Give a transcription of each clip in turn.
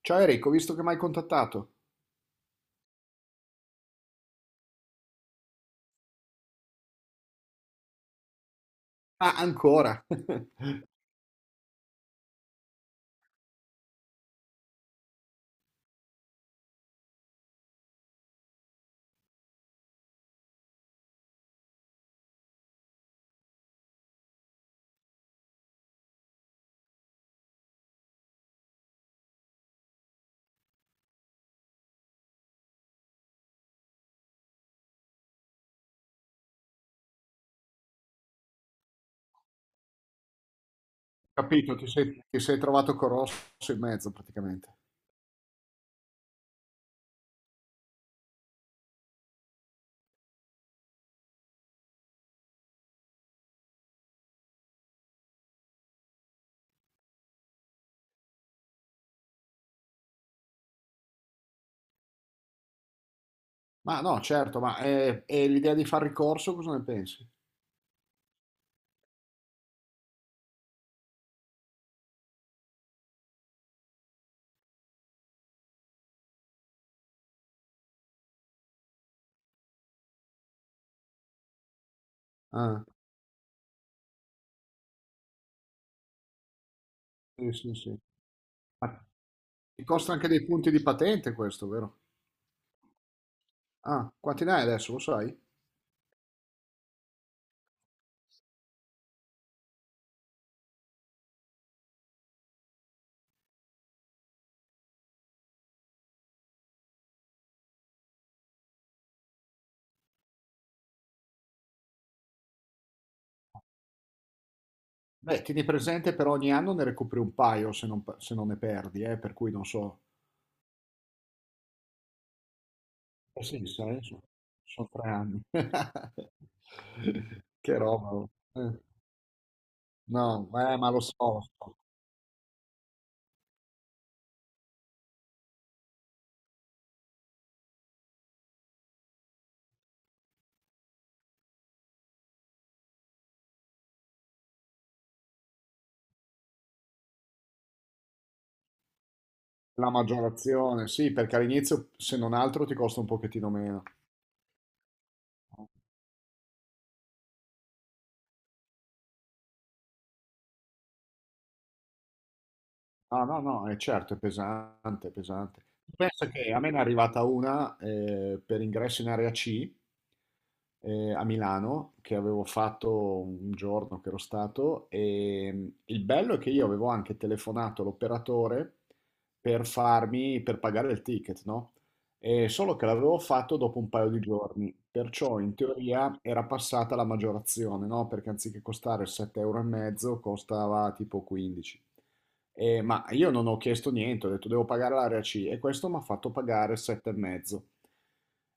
Ciao Enrico, ho visto che mi hai contattato. Ah, ancora. Capito, ti sei trovato con Rosso in mezzo praticamente. Ma no, certo, e l'idea di fare ricorso, cosa ne pensi? Ah, sì, sì, sì. Ma ti costa anche dei punti di patente questo, vero? Ah, quanti ne hai adesso, lo sai? Beh, tieni presente per ogni anno ne recuperi un paio se non ne perdi, per cui non so. Eh sì, sai, sono 3 anni. Che roba. Oh. No, ma lo so. La maggiorazione, sì, perché all'inizio se non altro ti costa un pochettino meno. No, no, no, è certo, è pesante, è pesante. Penso che a me ne è arrivata una per ingresso in area C a Milano, che avevo fatto un giorno che ero stato, il bello è che io avevo anche telefonato l'operatore per pagare il ticket, no? E solo che l'avevo fatto dopo un paio di giorni, perciò in teoria era passata la maggiorazione, no? Perché anziché costare 7,5 euro e mezzo costava tipo 15. Ma io non ho chiesto niente, ho detto devo pagare l'area C e questo mi ha fatto pagare 7,5.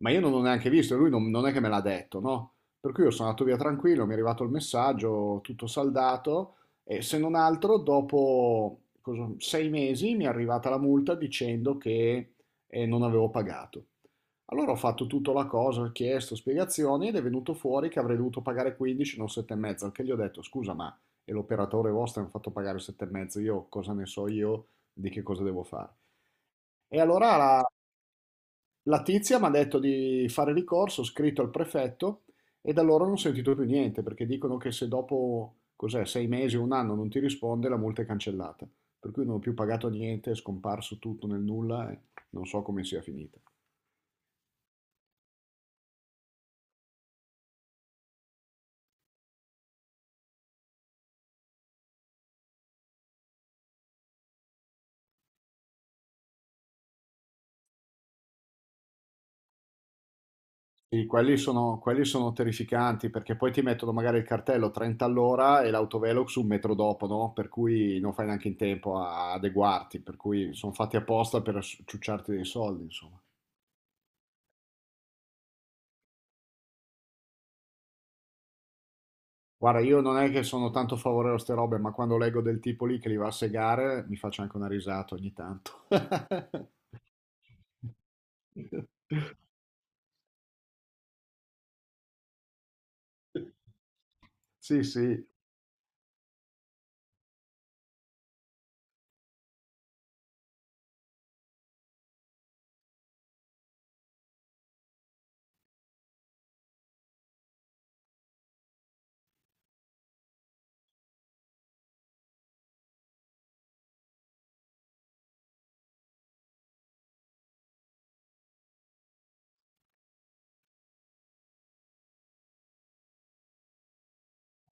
Ma io non l'ho neanche visto, e lui non è che me l'ha detto, no? Per cui io sono andato via tranquillo, mi è arrivato il messaggio, tutto saldato e se non altro dopo 6 mesi mi è arrivata la multa dicendo che non avevo pagato. Allora ho fatto tutta la cosa, ho chiesto spiegazioni ed è venuto fuori che avrei dovuto pagare 15, non 7,5, al che gli ho detto scusa e l'operatore vostro mi ha fatto pagare 7,5, io cosa ne so io di che cosa devo fare. E allora la tizia mi ha detto di fare ricorso, ho scritto al prefetto e da loro non ho sentito più niente perché dicono che se dopo cos'è, 6 mesi o un anno non ti risponde la multa è cancellata. Per cui non ho più pagato niente, è scomparso tutto nel nulla e non so come sia finita. Sì, quelli sono terrificanti perché poi ti mettono magari il cartello 30 all'ora e l'autovelox un metro dopo, no? Per cui non fai neanche in tempo a adeguarti, per cui sono fatti apposta per ciucciarti dei soldi, insomma. Guarda, io non è che sono tanto favorevole a queste robe, ma quando leggo del tipo lì che li va a segare, mi faccio anche una risata ogni tanto. Sì, sì.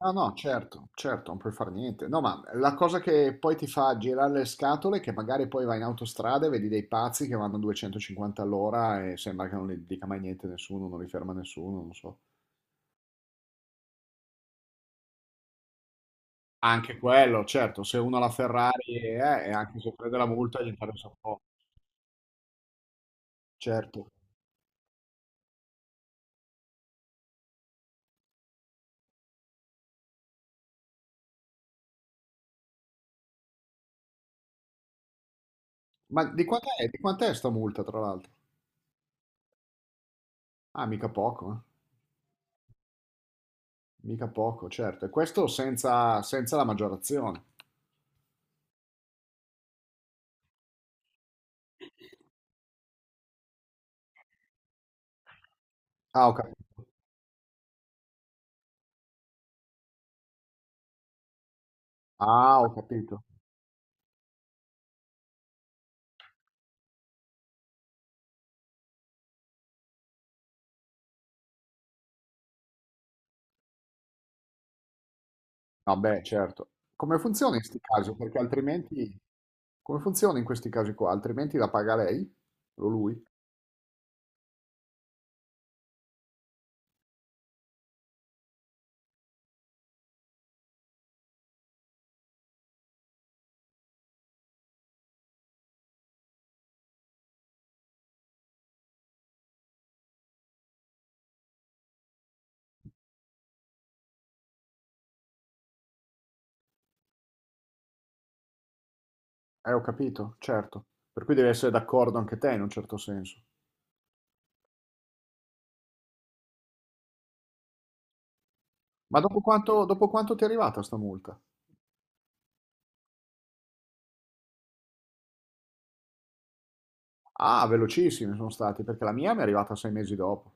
No, no, certo, certo, non puoi fare niente. No, ma la cosa che poi ti fa girare le scatole è che magari poi vai in autostrada e vedi dei pazzi che vanno a 250 all'ora e sembra che non li dica mai niente nessuno, non li ferma nessuno, non so. Anche quello, certo, se uno ha la Ferrari e anche se prende la multa gli interessa un po', certo. Ma di quant'è sta multa, tra l'altro? Ah, mica poco, eh. Mica poco, certo. E questo senza, senza la maggiorazione. Ah, ho capito. Ah, ho capito. No, beh, certo. Come funziona in 'sti casi? Perché altrimenti come funziona in questi casi qua? Altrimenti la paga lei o lui? Ho capito, certo. Per cui devi essere d'accordo anche te in un certo senso. Ma dopo quanto ti è arrivata sta multa? Ah, velocissimi sono stati, perché la mia mi è arrivata 6 mesi dopo.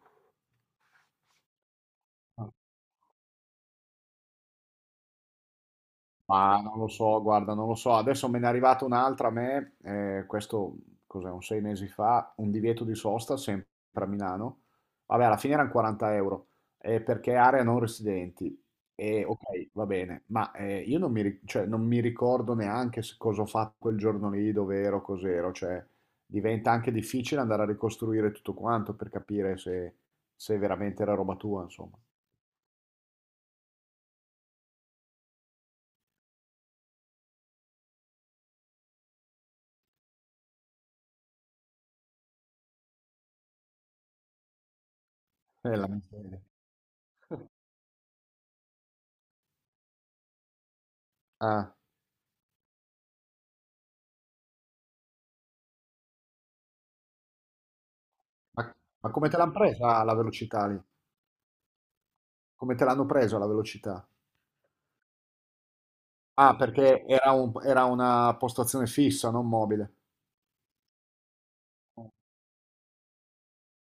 Ma non lo so, guarda, non lo so. Adesso me ne è arrivata un'altra a me, questo cos'è, un 6 mesi fa, un divieto di sosta sempre a Milano. Vabbè, alla fine erano 40 euro, perché è area non residenti. E ok, va bene, io non mi, ri- cioè, non mi ricordo neanche cosa ho fatto quel giorno lì, dove ero, cos'ero. Cioè, diventa anche difficile andare a ricostruire tutto quanto per capire se, se veramente era roba tua, insomma. È la miseria. Ah. Ma, ma come te l'hanno presa la velocità lì? Come te l'hanno presa la velocità? Ah, perché era, era una postazione fissa, non mobile.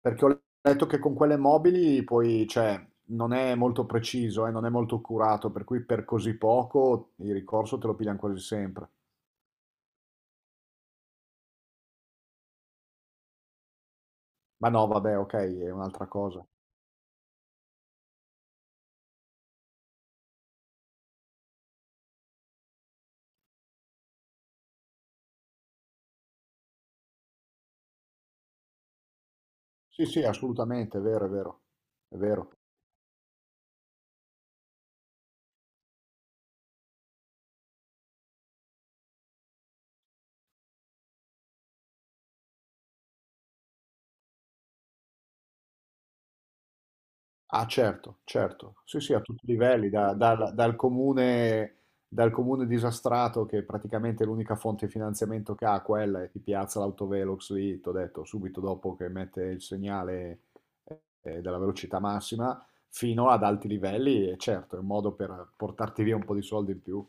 Perché ho letto che con quelle mobili poi, cioè, non è molto preciso, non è molto accurato, per cui per così poco il ricorso te lo pigliano quasi sempre. Ma no, vabbè, ok, è un'altra cosa. Sì, sì, assolutamente, è vero, è vero, è vero. Ah, certo, certo. Sì, sì, a tutti i livelli, dal comune disastrato che praticamente l'unica fonte di finanziamento che ha quella e ti piazza l'autovelox lì, t'ho detto, subito dopo che mette il segnale della velocità massima, fino ad alti livelli, e certo, è un modo per portarti via un po' di soldi in più.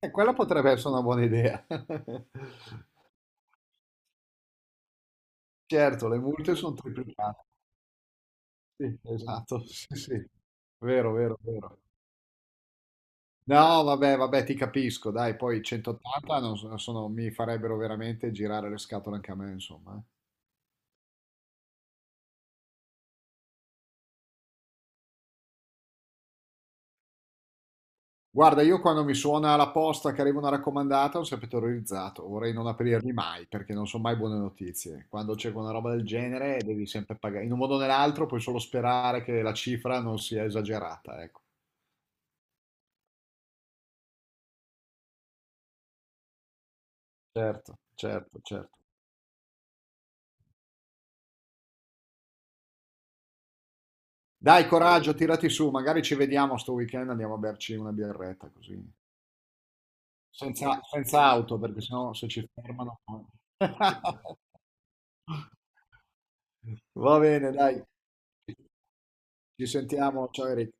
E quella potrebbe essere una buona idea. Certo, le multe sono triplicate. Sì, esatto, sì, sì. Vero, vero, vero. No, vabbè, vabbè, ti capisco, dai, poi 180 non so- sono- mi farebbero veramente girare le scatole anche a me, insomma. Guarda, io quando mi suona la posta che arriva una raccomandata, sono sempre terrorizzato, vorrei non aprirli mai, perché non sono mai buone notizie. Quando c'è una roba del genere devi sempre pagare, in un modo o nell'altro puoi solo sperare che la cifra non sia esagerata, ecco. Certo, certo, certo. Dai, coraggio, tirati su, magari ci vediamo sto weekend, andiamo a berci una birretta così. Senza auto, perché sennò se ci fermano. Va bene, dai, ci sentiamo. Ciao Eric.